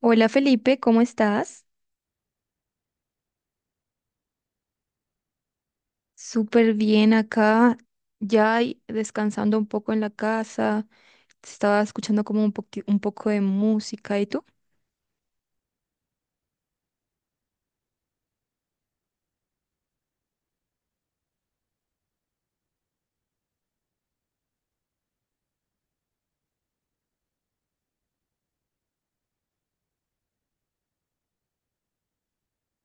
Hola Felipe, ¿cómo estás? Súper bien acá, ya descansando un poco en la casa, estaba escuchando como un un poco de música, ¿y tú?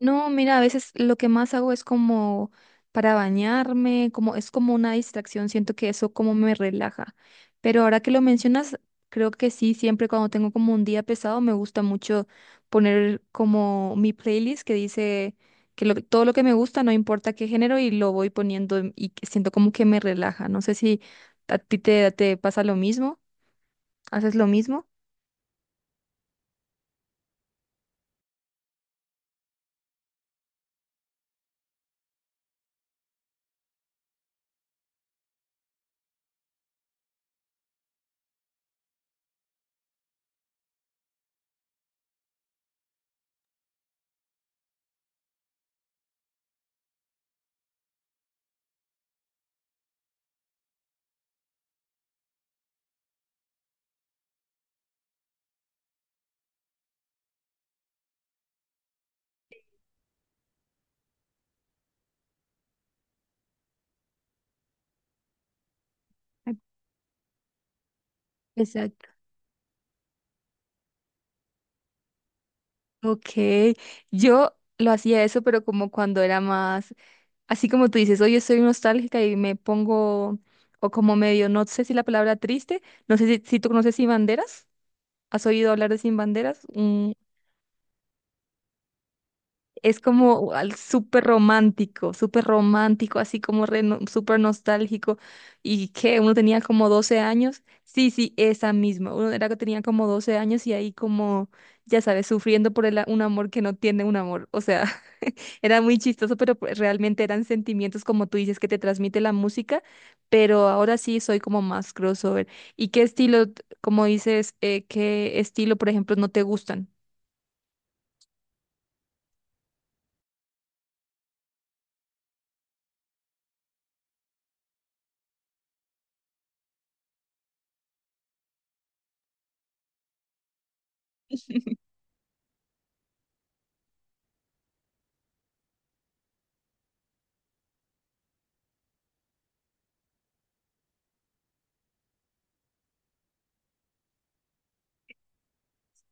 No, mira, a veces lo que más hago es como para bañarme, como es como una distracción, siento que eso como me relaja. Pero ahora que lo mencionas, creo que sí, siempre cuando tengo como un día pesado, me gusta mucho poner como mi playlist que dice que todo lo que me gusta, no importa qué género, y lo voy poniendo y que siento como que me relaja. No sé si a ti te pasa lo mismo, haces lo mismo. Exacto. Ok, yo lo hacía eso, pero como cuando era más. Así como tú dices, hoy estoy nostálgica y me pongo, o como medio, no sé si la palabra triste, no sé si, si tú conoces Sin Banderas, ¿has oído hablar de Sin Banderas? Mm, es como al súper romántico, así como re no- súper nostálgico. ¿Y que uno tenía como 12 años? Sí, sí, esa misma. Uno era que tenía como 12 años y ahí como, ya sabes, sufriendo por un amor, que no tiene un amor. O sea, era muy chistoso, pero pues realmente eran sentimientos, como tú dices, que te transmite la música, pero ahora sí soy como más crossover. ¿Y qué estilo, como dices, qué estilo, por ejemplo, no te gustan?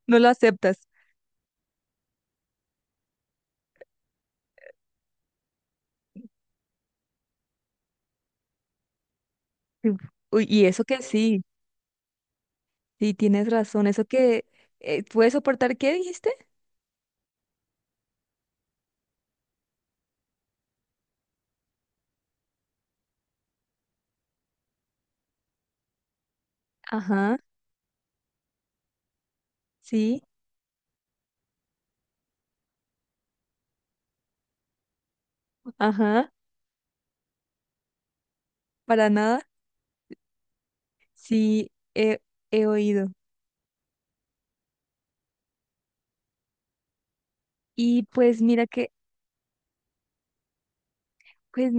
No lo aceptas. Sí. Uy, y eso que sí, sí, tienes razón, eso que puedes soportar, ¿qué dijiste? Ajá, sí, ajá, para nada, sí, he oído. Y pues mira que, pues.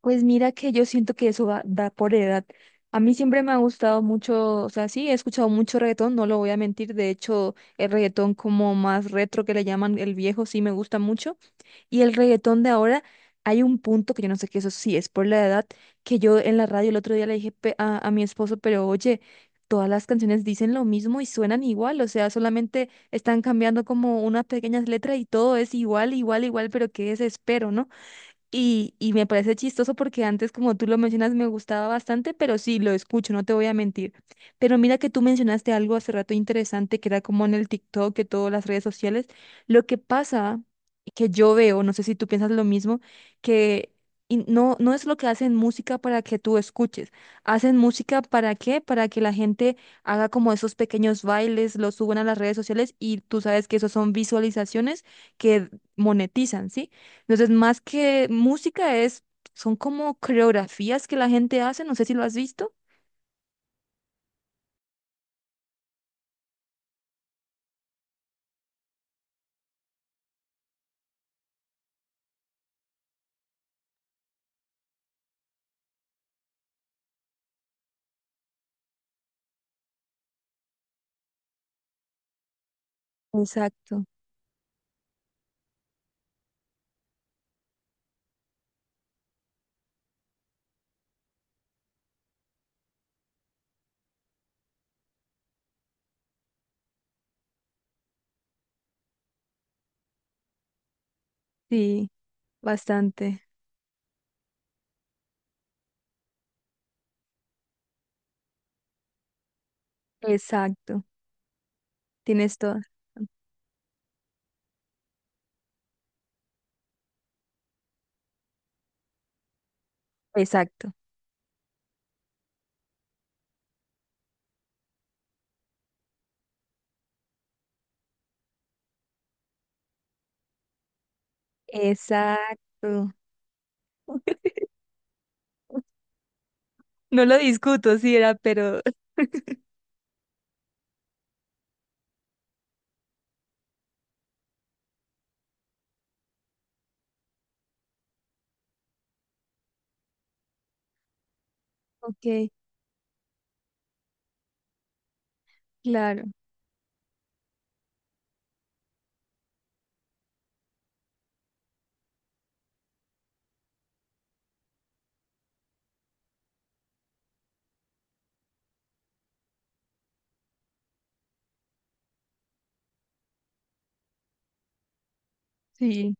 Pues mira que yo siento que eso va, va por edad. A mí siempre me ha gustado mucho, o sea, sí, he escuchado mucho reggaetón, no lo voy a mentir. De hecho, el reggaetón como más retro que le llaman el viejo, sí me gusta mucho. Y el reggaetón de ahora, hay un punto que yo no sé que eso sí es por la edad, que yo en la radio el otro día le dije a mi esposo, pero oye, todas las canciones dicen lo mismo y suenan igual, o sea, solamente están cambiando como unas pequeñas letras y todo es igual, igual, igual, pero qué desespero, ¿no? Y me parece chistoso porque antes, como tú lo mencionas, me gustaba bastante, pero sí, lo escucho, no te voy a mentir. Pero mira que tú mencionaste algo hace rato interesante, que era como en el TikTok, que todas las redes sociales. Lo que pasa, que yo veo, no sé si tú piensas lo mismo, que no es lo que hacen música para que tú escuches. ¿Hacen música para qué? Para que la gente haga como esos pequeños bailes, los suban a las redes sociales y tú sabes que esos son visualizaciones que monetizan, ¿sí? Entonces, más que música es, son como coreografías que la gente hace, no sé si lo has visto. Exacto, sí, bastante. Exacto, tienes toda. Exacto, exacto. No lo discuto sí era, pero... Ok, claro, sí.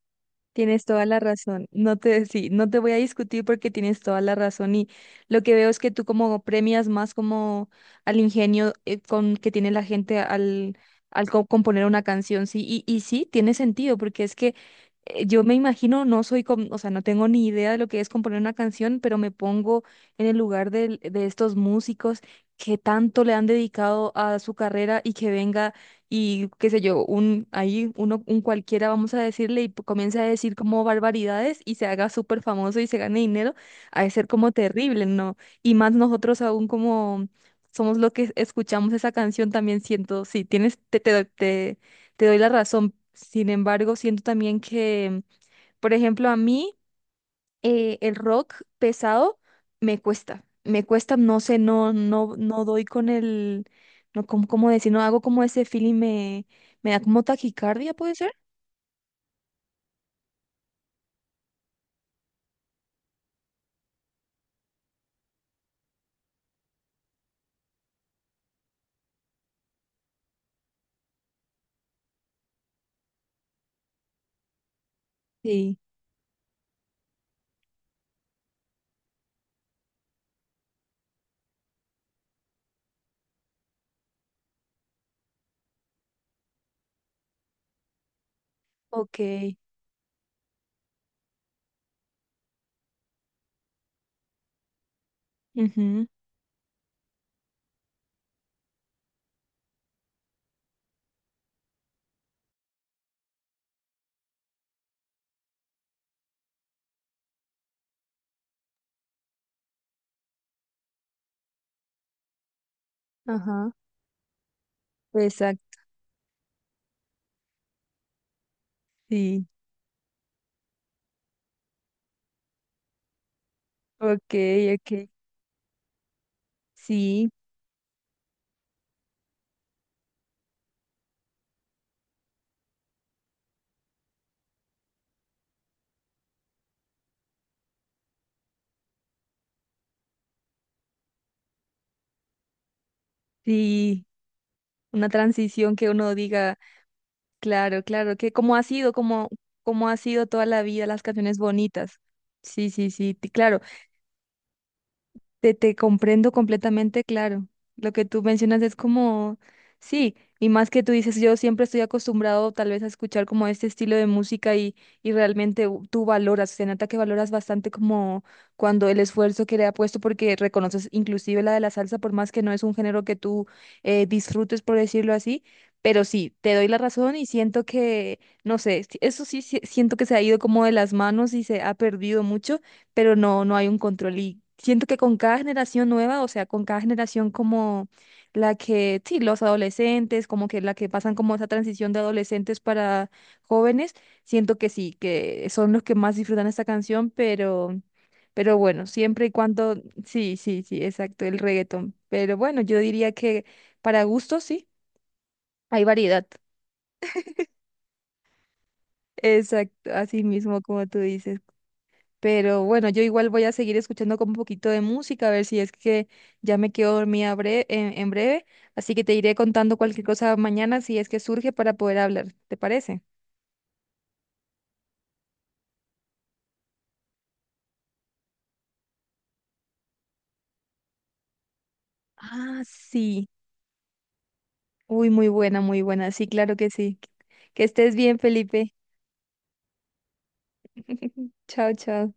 Tienes toda la razón. No te, sí, no te voy a discutir porque tienes toda la razón. Y lo que veo es que tú como premias más como al ingenio, con que tiene la gente al, componer una canción, sí. Y sí, tiene sentido, porque es que yo me imagino, no soy, com- o sea, no tengo ni idea de lo que es componer una canción, pero me pongo en el lugar de estos músicos que tanto le han dedicado a su carrera y que venga y qué sé yo, un ahí uno un cualquiera vamos a decirle y comienza a decir como barbaridades y se haga súper famoso y se gane dinero, ha de ser como terrible, ¿no? Y más nosotros aún como somos los que escuchamos esa canción también siento, sí, tienes te doy la razón. Sin embargo, siento también que, por ejemplo, a mí el rock pesado me cuesta, no sé, no, no, no doy con el, no, como, cómo decir, no hago como ese feeling, me da como taquicardia, ¿puede ser? Sí, ok, ujú, ajá, exacto, sí, ok, ok, sí, sí, una transición que uno diga, claro, claro, que como ha sido, como, como ha sido toda la vida las canciones bonitas, sí, sí, sí, claro. Te comprendo completamente, claro. Lo que tú mencionas es como, sí, y más que tú dices, yo siempre estoy acostumbrado tal vez a escuchar como este estilo de música y realmente tú valoras, se nota que valoras bastante como cuando el esfuerzo que le ha puesto, porque reconoces inclusive la de la salsa, por más que no es un género que tú disfrutes, por decirlo así, pero sí, te doy la razón y siento que, no sé, eso sí, sí, siento que se ha ido como de las manos y se ha perdido mucho, pero no, no hay un control. Y siento que con cada generación nueva, o sea, con cada generación como la que, sí, los adolescentes, como que la que pasan como esa transición de adolescentes para jóvenes, siento que sí, que son los que más disfrutan esta canción, pero bueno, siempre y cuando, sí, sí, sí, exacto, el reggaetón. Pero bueno, yo diría que para gustos, sí, hay variedad. Exacto, así mismo como tú dices. Pero bueno, yo igual voy a seguir escuchando como un poquito de música, a ver si es que ya me quedo dormida en breve. Así que te iré contando cualquier cosa mañana si es que surge para poder hablar. ¿Te parece? Ah, sí. Uy, muy buena, muy buena. Sí, claro que sí. Que estés bien, Felipe. Chao, chao.